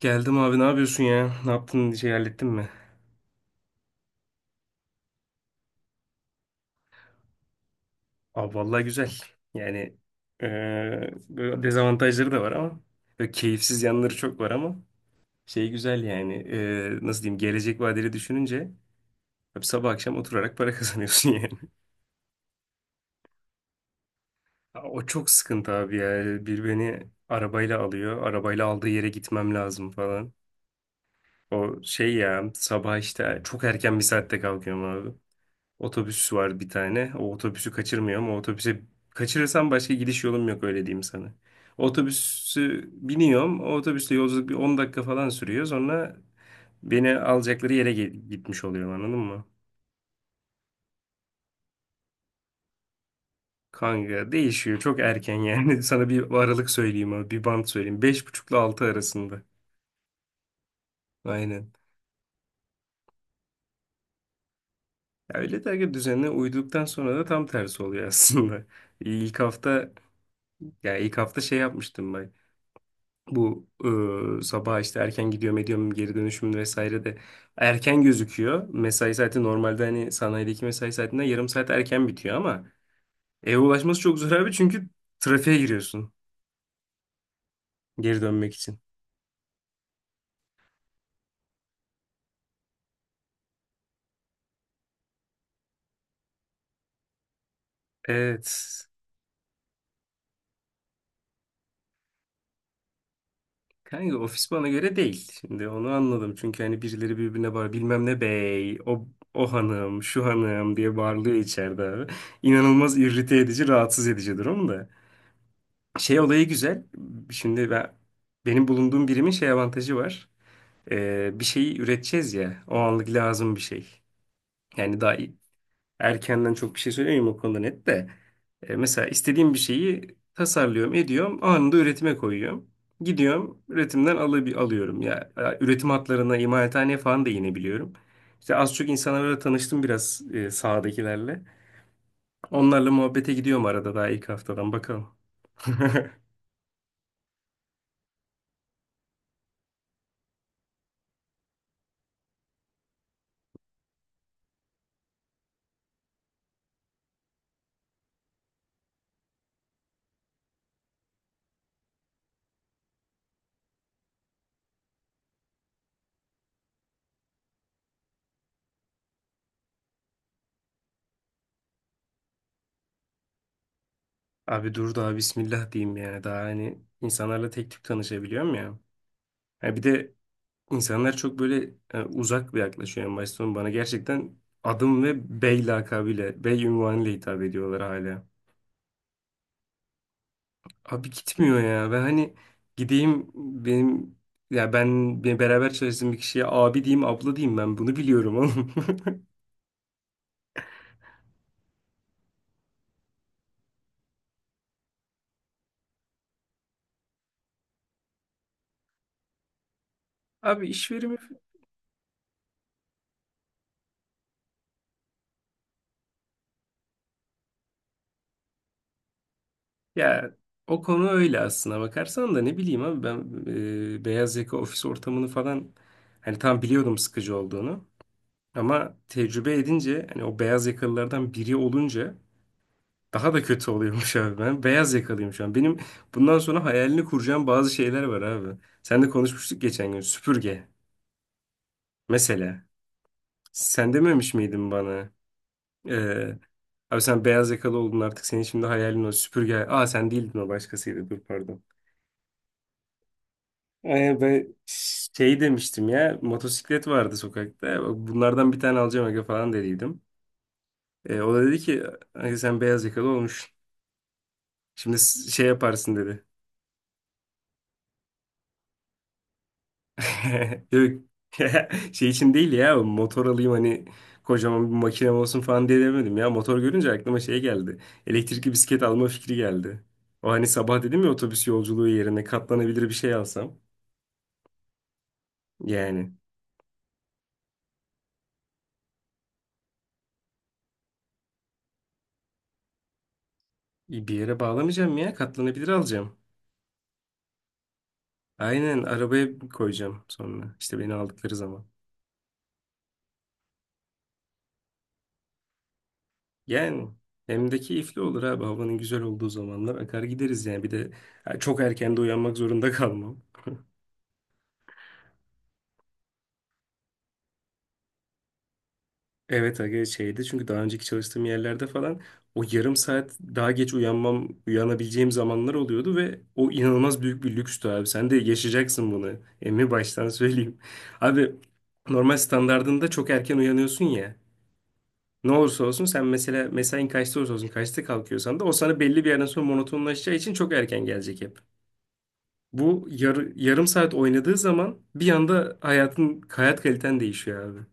Geldim abi ne yapıyorsun ya? Ne yaptın şey hallettin mi? Abi vallahi güzel. Yani böyle dezavantajları da var ama böyle keyifsiz yanları çok var ama şey güzel yani nasıl diyeyim gelecek vadeli düşününce hep sabah akşam oturarak para kazanıyorsun yani. O çok sıkıntı abi ya. Bir beni arabayla alıyor. Arabayla aldığı yere gitmem lazım falan. O şey ya sabah işte çok erken bir saatte kalkıyorum abi. Otobüs var bir tane. O otobüsü kaçırmıyorum. O otobüse kaçırırsam başka gidiş yolum yok öyle diyeyim sana. Otobüsü biniyorum. O otobüsle yolculuk bir 10 dakika falan sürüyor. Sonra beni alacakları yere gitmiş oluyorum anladın mı? Kanka değişiyor. Çok erken yani. Sana bir aralık söyleyeyim abi. Bir bant söyleyeyim. Beş buçukla altı arasında. Aynen. Ya öyle dergi düzenine uyduktan sonra da tam tersi oluyor aslında. İlk hafta ya ilk hafta şey yapmıştım bak. Bu sabah işte erken gidiyorum ediyorum geri dönüşüm vesaire de erken gözüküyor. Mesai saati normalde hani sanayideki mesai saatinden yarım saat erken bitiyor ama eve ulaşması çok zor abi çünkü trafiğe giriyorsun geri dönmek için. Evet. Kanka ofis bana göre değil. Şimdi onu anladım. Çünkü hani birileri birbirine bağır bilmem ne bey, o, o hanım, şu hanım diye bağırıyor içeride abi. İnanılmaz irrite edici, rahatsız edici durum da. Şey olayı güzel. Şimdi benim bulunduğum birimin şey avantajı var. Bir şeyi üreteceğiz ya. O anlık lazım bir şey. Yani erkenden çok bir şey söylemiyorum o konuda net de. Mesela istediğim bir şeyi tasarlıyorum, ediyorum. Anında üretime koyuyorum. Gidiyorum, üretimden alıp alıyorum. Ya üretim hatlarına, imalathaneye falan da inebiliyorum. İşte az çok insanlarla tanıştım biraz sahadakilerle. Onlarla muhabbete gidiyorum arada daha ilk haftadan. Bakalım. Abi dur daha bismillah diyeyim yani. Daha hani insanlarla tek tük tanışabiliyorum ya. Ha bir de insanlar çok böyle uzak bir yaklaşıyor en başta. Sonra bana gerçekten adım ve bey lakabıyla, bey unvanıyla hitap ediyorlar hala. Abi gitmiyor ya. Ben hani gideyim benim ya ben beraber çalıştığım bir kişiye abi diyeyim, abla diyeyim ben bunu biliyorum oğlum. Abi iş. Ya o konu öyle aslına bakarsan da ne bileyim abi ben beyaz yaka ofis ortamını falan hani tam biliyordum sıkıcı olduğunu ama tecrübe edince hani o beyaz yakalılardan biri olunca daha da kötü oluyormuş abi ben beyaz yakalıyım şu an. Benim bundan sonra hayalini kuracağım bazı şeyler var abi. Sen de konuşmuştuk geçen gün süpürge mesela. Sen dememiş miydin bana? E, abi sen beyaz yakalı oldun artık senin şimdi hayalin o süpürge. Aa sen değildin o başkasıydı dur pardon. Ben şey demiştim ya motosiklet vardı sokakta bunlardan bir tane alacağım aga falan dediydim. O da dedi ki "Aga sen beyaz yakalı olmuş. Şimdi şey yaparsın dedi." Yok şey için değil ya motor alayım hani kocaman bir makinem olsun falan diye demedim ya. Motor görünce aklıma şey geldi. Elektrikli bisiklet alma fikri geldi. O hani sabah dedim ya otobüs yolculuğu yerine katlanabilir bir şey alsam. Yani bir yere bağlamayacağım ya katlanabilir alacağım. Aynen arabaya koyacağım sonra. İşte beni aldıkları zaman. Yani hem de keyifli olur abi. Havanın güzel olduğu zamanlar akar gideriz yani. Bir de ha, çok erken de uyanmak zorunda kalmam. Evet aga şeydi çünkü daha önceki çalıştığım yerlerde falan o yarım saat daha geç uyanmam, uyanabileceğim zamanlar oluyordu ve o inanılmaz büyük bir lükstü abi. Sen de yaşayacaksın bunu. Emmi baştan söyleyeyim. Abi normal standardında çok erken uyanıyorsun ya. Ne olursa olsun sen mesela mesain kaçta olursa olsun kaçta kalkıyorsan da o sana belli bir yerden sonra monotonlaşacağı için çok erken gelecek hep. Bu yarım saat oynadığı zaman bir anda hayatın hayat kaliten değişiyor abi.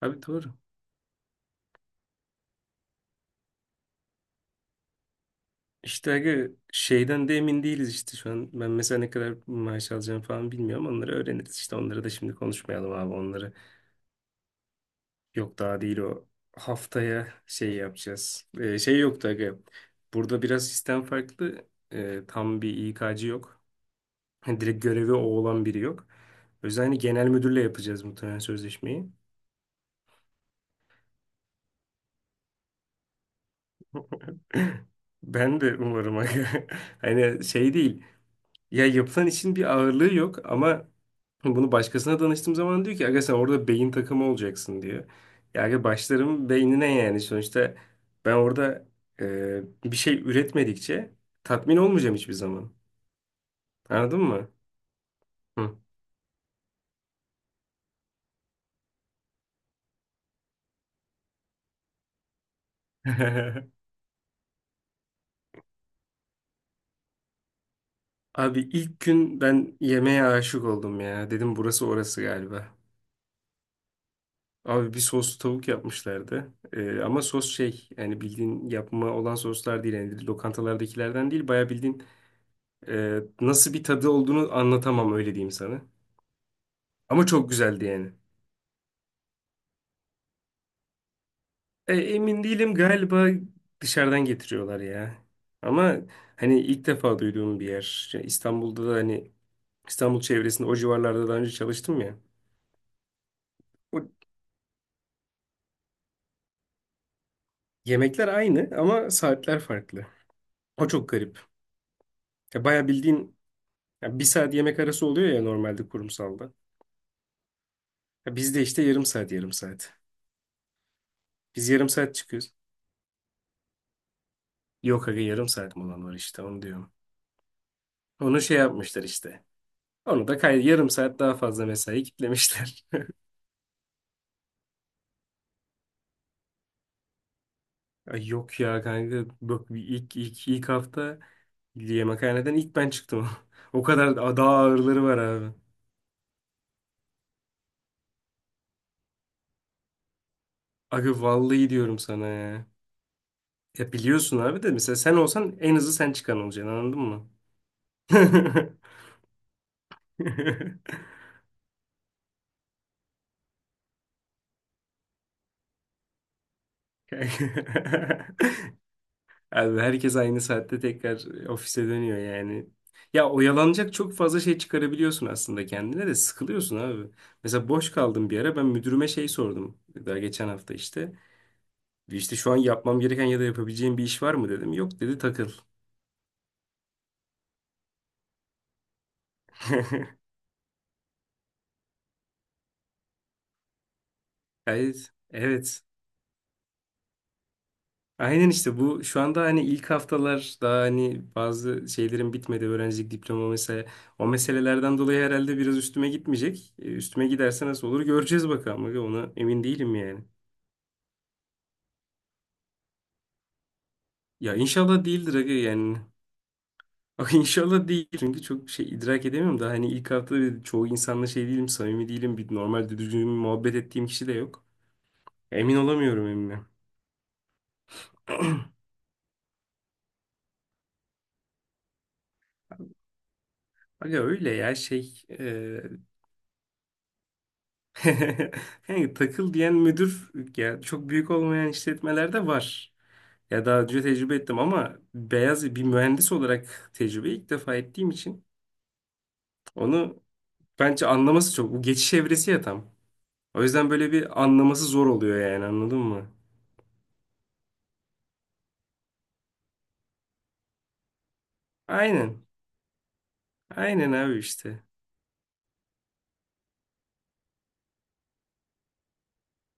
Abi doğru. İşte aga şeyden de emin değiliz işte şu an. Ben mesela ne kadar maaş alacağım falan bilmiyorum. Onları öğreniriz işte. Onları da şimdi konuşmayalım abi onları. Yok daha değil o. Haftaya şey yapacağız. Şey yoktu aga. Burada biraz sistem farklı. Tam bir İK'cı yok. Hani direkt görevi o olan biri yok. O yüzden hani genel müdürle yapacağız muhtemelen sözleşmeyi. Ben de umarım. Hani şey değil. Ya yapılan işin bir ağırlığı yok ama bunu başkasına danıştığım zaman diyor ki aga sen orada beyin takımı olacaksın diyor. Ya aga başlarım beynine yani sonuçta ben orada bir şey üretmedikçe tatmin olmayacağım hiçbir zaman. Anladın mı? Hı. Abi ilk gün ben yemeğe aşık oldum ya. Dedim burası orası galiba. Abi bir soslu tavuk yapmışlardı. Ama sos şey yani bildiğin yapma olan soslar değil. Yani lokantalardakilerden değil. Baya bildiğin nasıl bir tadı olduğunu anlatamam öyle diyeyim sana. Ama çok güzeldi yani. Emin değilim galiba dışarıdan getiriyorlar ya. Ama hani ilk defa duyduğum bir yer. Ya İstanbul'da da hani İstanbul çevresinde o civarlarda daha önce çalıştım ya. O yemekler aynı ama saatler farklı. O çok garip. Ya baya bildiğin. Ya bir saat yemek arası oluyor ya normalde kurumsalda. Ya bizde işte yarım saat yarım saat. Biz yarım saat çıkıyoruz. Yok aga yarım saat mi olan var işte onu diyorum. Onu şey yapmışlar işte. Onu da yarım saat daha fazla mesai kitlemişler. Ay yok ya kanka bak ilk hafta yemekhaneden ilk ben çıktım. O kadar daha ağırları var abi. Aga vallahi diyorum sana ya. Ya biliyorsun abi de mesela sen olsan en hızlı sen çıkan olacaksın anladın mı? Abi herkes aynı saatte tekrar ofise dönüyor yani. Ya oyalanacak çok fazla şey çıkarabiliyorsun aslında kendine de sıkılıyorsun abi. Mesela boş kaldım bir ara ben müdürüme şey sordum. Daha geçen hafta işte. İşte şu an yapmam gereken ya da yapabileceğim bir iş var mı dedim. Yok dedi takıl. Evet, evet. Aynen işte bu şu anda hani ilk haftalar daha hani bazı şeylerin bitmedi öğrencilik diploma mesela o meselelerden dolayı herhalde biraz üstüme gitmeyecek. Üstüme giderse nasıl olur göreceğiz bakalım. Ona emin değilim yani. Ya inşallah değildir aga yani. Aga inşallah değil. Çünkü çok şey idrak edemiyorum da hani ilk hafta bir çoğu insanla şey değilim, samimi değilim. Bir normal düzgün muhabbet ettiğim kişi de yok. Emin olamıyorum emmim. Aga öyle ya şey yani takıl diyen müdür ya çok büyük olmayan işletmelerde var. Ya daha önce tecrübe ettim ama beyaz bir mühendis olarak tecrübe ilk defa ettiğim için onu bence anlaması çok. Bu geçiş evresi ya tam. O yüzden böyle bir anlaması zor oluyor yani anladın mı? Aynen. Aynen abi işte.